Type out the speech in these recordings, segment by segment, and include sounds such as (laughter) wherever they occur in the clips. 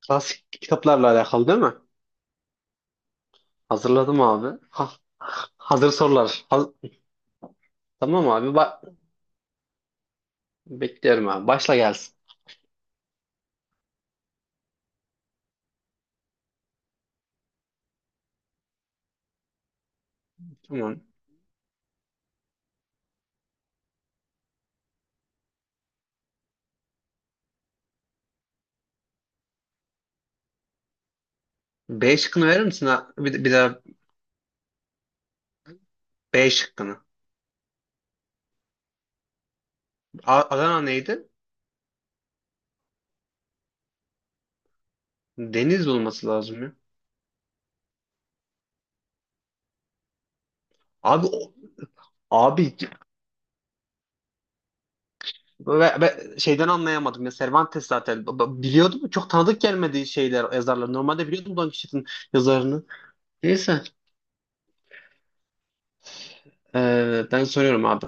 Klasik kitaplarla alakalı değil mi? Hazırladım abi. Ha, hazır sorular. Tamam abi. Bekliyorum abi. Başla gelsin. Tamam. B şıkkını verir misin? Ha? Bir daha B şıkkını. Adana neydi? Deniz olması lazım ya. Abi o- abi ve şeyden anlayamadım ya. Cervantes zaten biliyordum. Çok tanıdık gelmedi şeyler yazarlar. Normalde biliyordum Don Quixote'ın yazarını. Neyse. Ben soruyorum abi.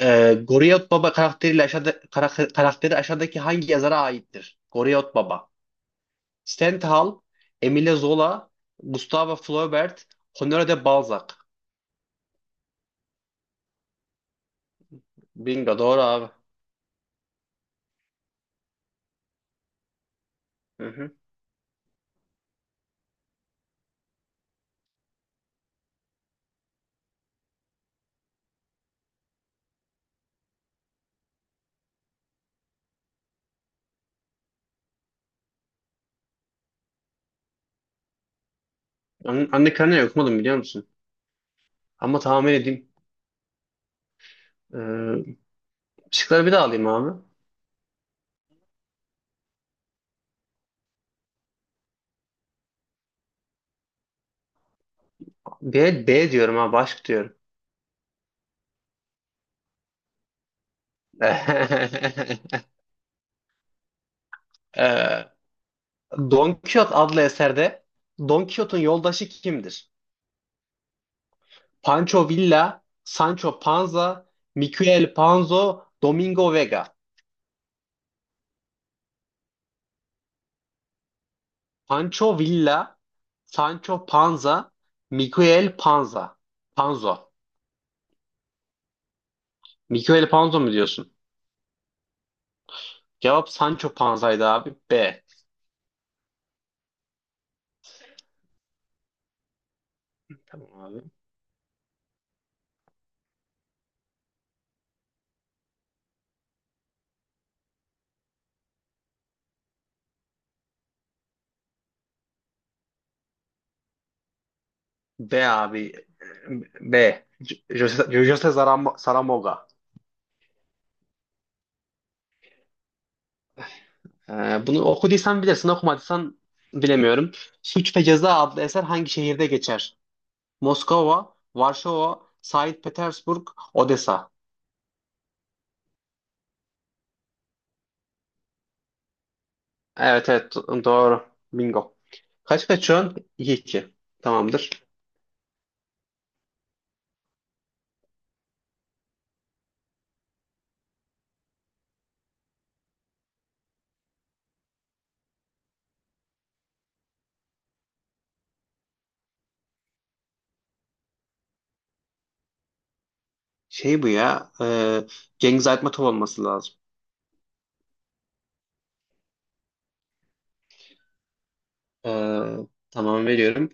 Goriyot Baba karakteriyle karakteri aşağıdaki hangi yazara aittir? Goriyot Baba. Stendhal, Emile Zola, Gustave Flaubert, Honoré de Balzac. Bingo doğru abi. Hı hı. Anne Karenina okumadım biliyor musun? Ama tahmin edeyim. Ee, Şıkları bir daha alayım abi. B, B diyorum abi. Aşk diyorum. (laughs) ee, Don Quixote adlı eserde Don Quixote'un yoldaşı kimdir? Pancho Villa, Sancho Panza, Miquel Panzo, Domingo Vega. Pancho Villa, Sancho Panza, Miquel Panza. Panzo. Miquel Panzo mu diyorsun? Cevap Sancho Panza'ydı abi. B. Tamam abi. B abi. B. Jose Saramoga. Bunu okuduysan bilirsin, okumadıysan bilemiyorum. Suç ve Ceza adlı eser hangi şehirde geçer? Moskova, Varşova, Saint Petersburg, Odessa. Evet evet doğru. Bingo. Kaç kaçıyorsun? 2-2. Tamamdır. Şey bu ya. Cengiz Aytmatov olması lazım. E, tamam veriyorum.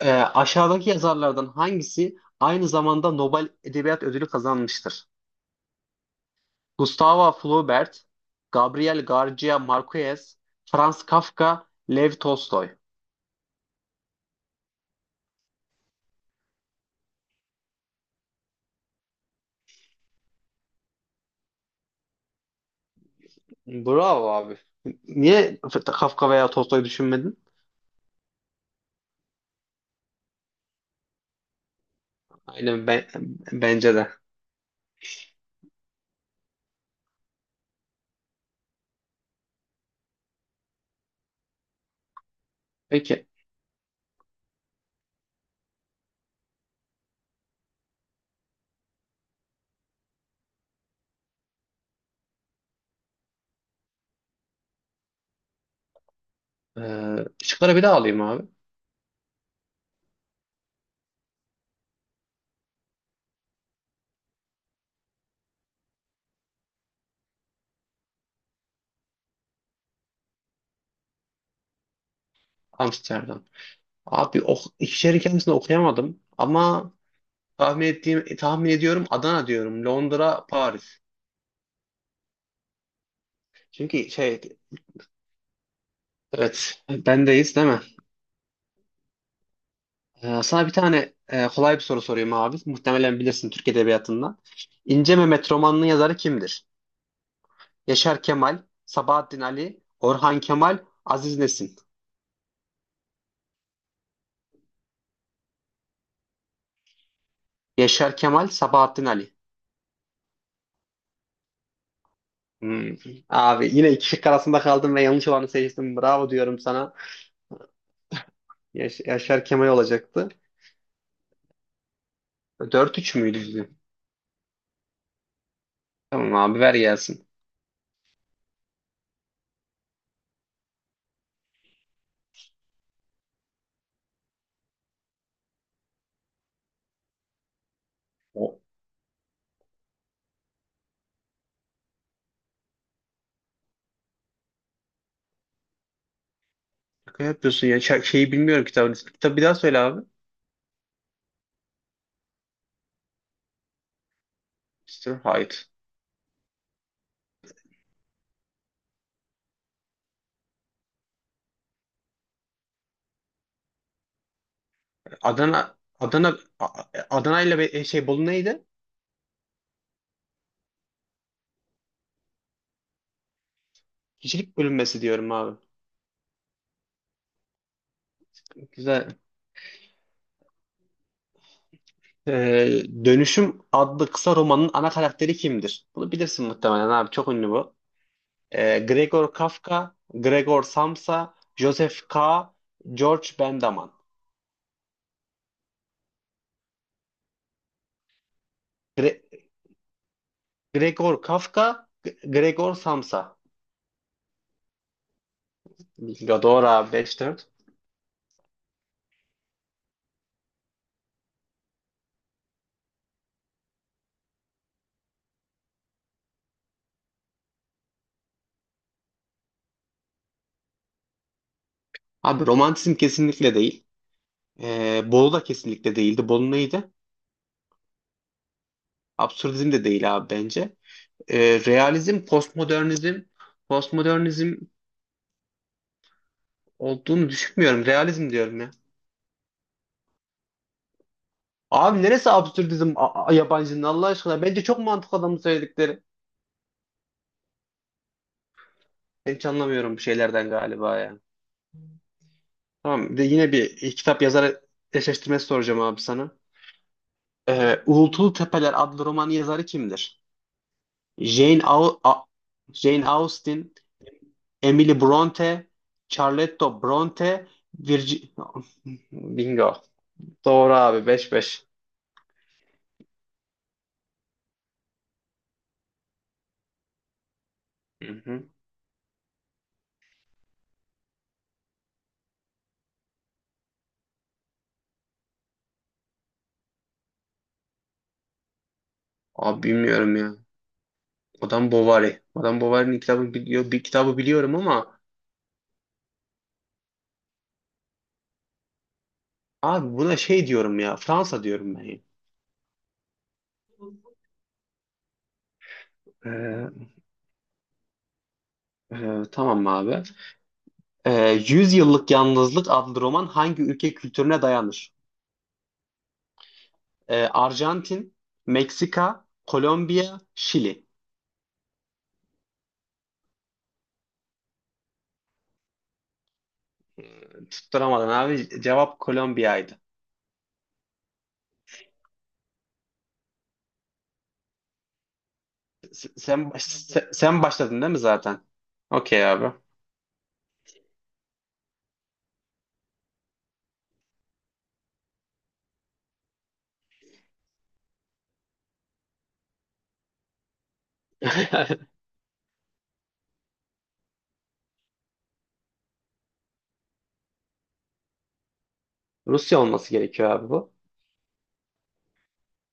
Aşağıdaki yazarlardan hangisi aynı zamanda Nobel Edebiyat Ödülü kazanmıştır? Gustavo Flaubert, Gabriel García Márquez, Franz Kafka, Lev Tolstoy. Bravo abi. Niye Kafka veya Tolstoy düşünmedin? Aynen ben, bence de. Peki. Ee, Şıkları bir daha alayım abi. Amsterdam. Abi o iki şehrin kendisini okuyamadım ama tahmin ediyorum Adana diyorum. Londra, Paris. Çünkü şey evet bendeyiz değil mi? Sana bir tane kolay bir soru sorayım abi. Muhtemelen bilirsin Türk Edebiyatı'ndan. İnce Mehmet romanının yazarı kimdir? Yaşar Kemal, Sabahattin Ali, Orhan Kemal, Aziz Nesin. Yaşar Kemal, Sabahattin Ali. Hmm. Abi yine iki şık arasında kaldım ve yanlış olanı seçtim. Bravo diyorum sana. Yaşar Kemal olacaktı. 4-3 müydü bizim? Tamam abi ver gelsin. O. Şaka yapıyorsun ya. Şeyi bilmiyorum kitabın ismi. Kitabı bir daha söyle abi. Mr. Hyde. Adana Adana Adana ile şey Bolu neydi? Kişilik bölünmesi diyorum abi. Güzel. Dönüşüm adlı kısa romanın ana karakteri kimdir? Bunu bilirsin muhtemelen abi. Çok ünlü bu. Gregor Kafka, Gregor Samsa, Joseph K. George Bendaman. Gre- Gregor Kafka, Gregor Samsa. Gadora 5-4. Abi romantizm kesinlikle değil. Bolu da kesinlikle değildi. Bolu neydi? Absürdizm de değil abi bence. Ee, Realizm, postmodernizm. Postmodernizm olduğunu düşünmüyorum. Realizm diyorum ya. Abi neresi absürdizm yabancının Allah aşkına? Bence çok mantıklı adamın söyledikleri. Ben hiç anlamıyorum bu şeylerden galiba ya. Tamam bir de yine bir kitap yazarı eşleştirmesi soracağım abi sana. Uğultulu Tepeler adlı romanı yazarı kimdir? Jane, Au- A- Jane Austen, Emily Bronte, Charlotte Bronte, Virgi... Bingo. Doğru abi 5-5. Hı hı. Abi bilmiyorum ya. Madame Bovary. Madame Bovary'nin kitabını biliyor, bir kitabı biliyorum ama abi buna şey diyorum ya. Fransa diyorum ben. Ee, tamam abi. 100 Yıllık Yalnızlık adlı roman hangi ülke kültürüne dayanır? Arjantin, Meksika, Kolombiya, Şili. Tutturamadın abi. Cevap Kolombiya'ydı. Sen başladın değil mi zaten? Okey abi. (laughs) Rusya olması gerekiyor abi bu.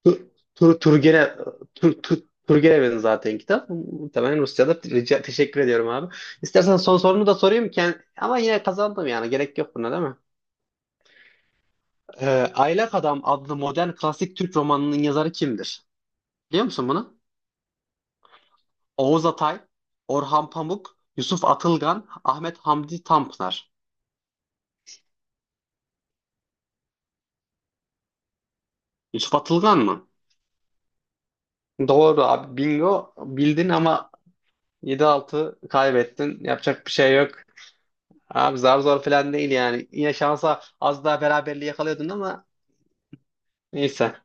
Tur, tur, Turgene, tur, tur, Turgenev'in zaten kitap. Muhtemelen Rusya'da. Teşekkür ediyorum abi. İstersen son sorunu da sorayım. Ama yine kazandım yani. Gerek yok buna değil mi? Aylak Adam adlı modern klasik Türk romanının yazarı kimdir? Biliyor musun bunu? Oğuz Atay, Orhan Pamuk, Yusuf Atılgan, Ahmet Hamdi Tanpınar. Yusuf Atılgan mı? Doğru abi bingo bildin ama 7-6 kaybettin. Yapacak bir şey yok. Abi zar zor falan değil yani. Yine şansa az daha beraberliği yakalıyordun ama neyse.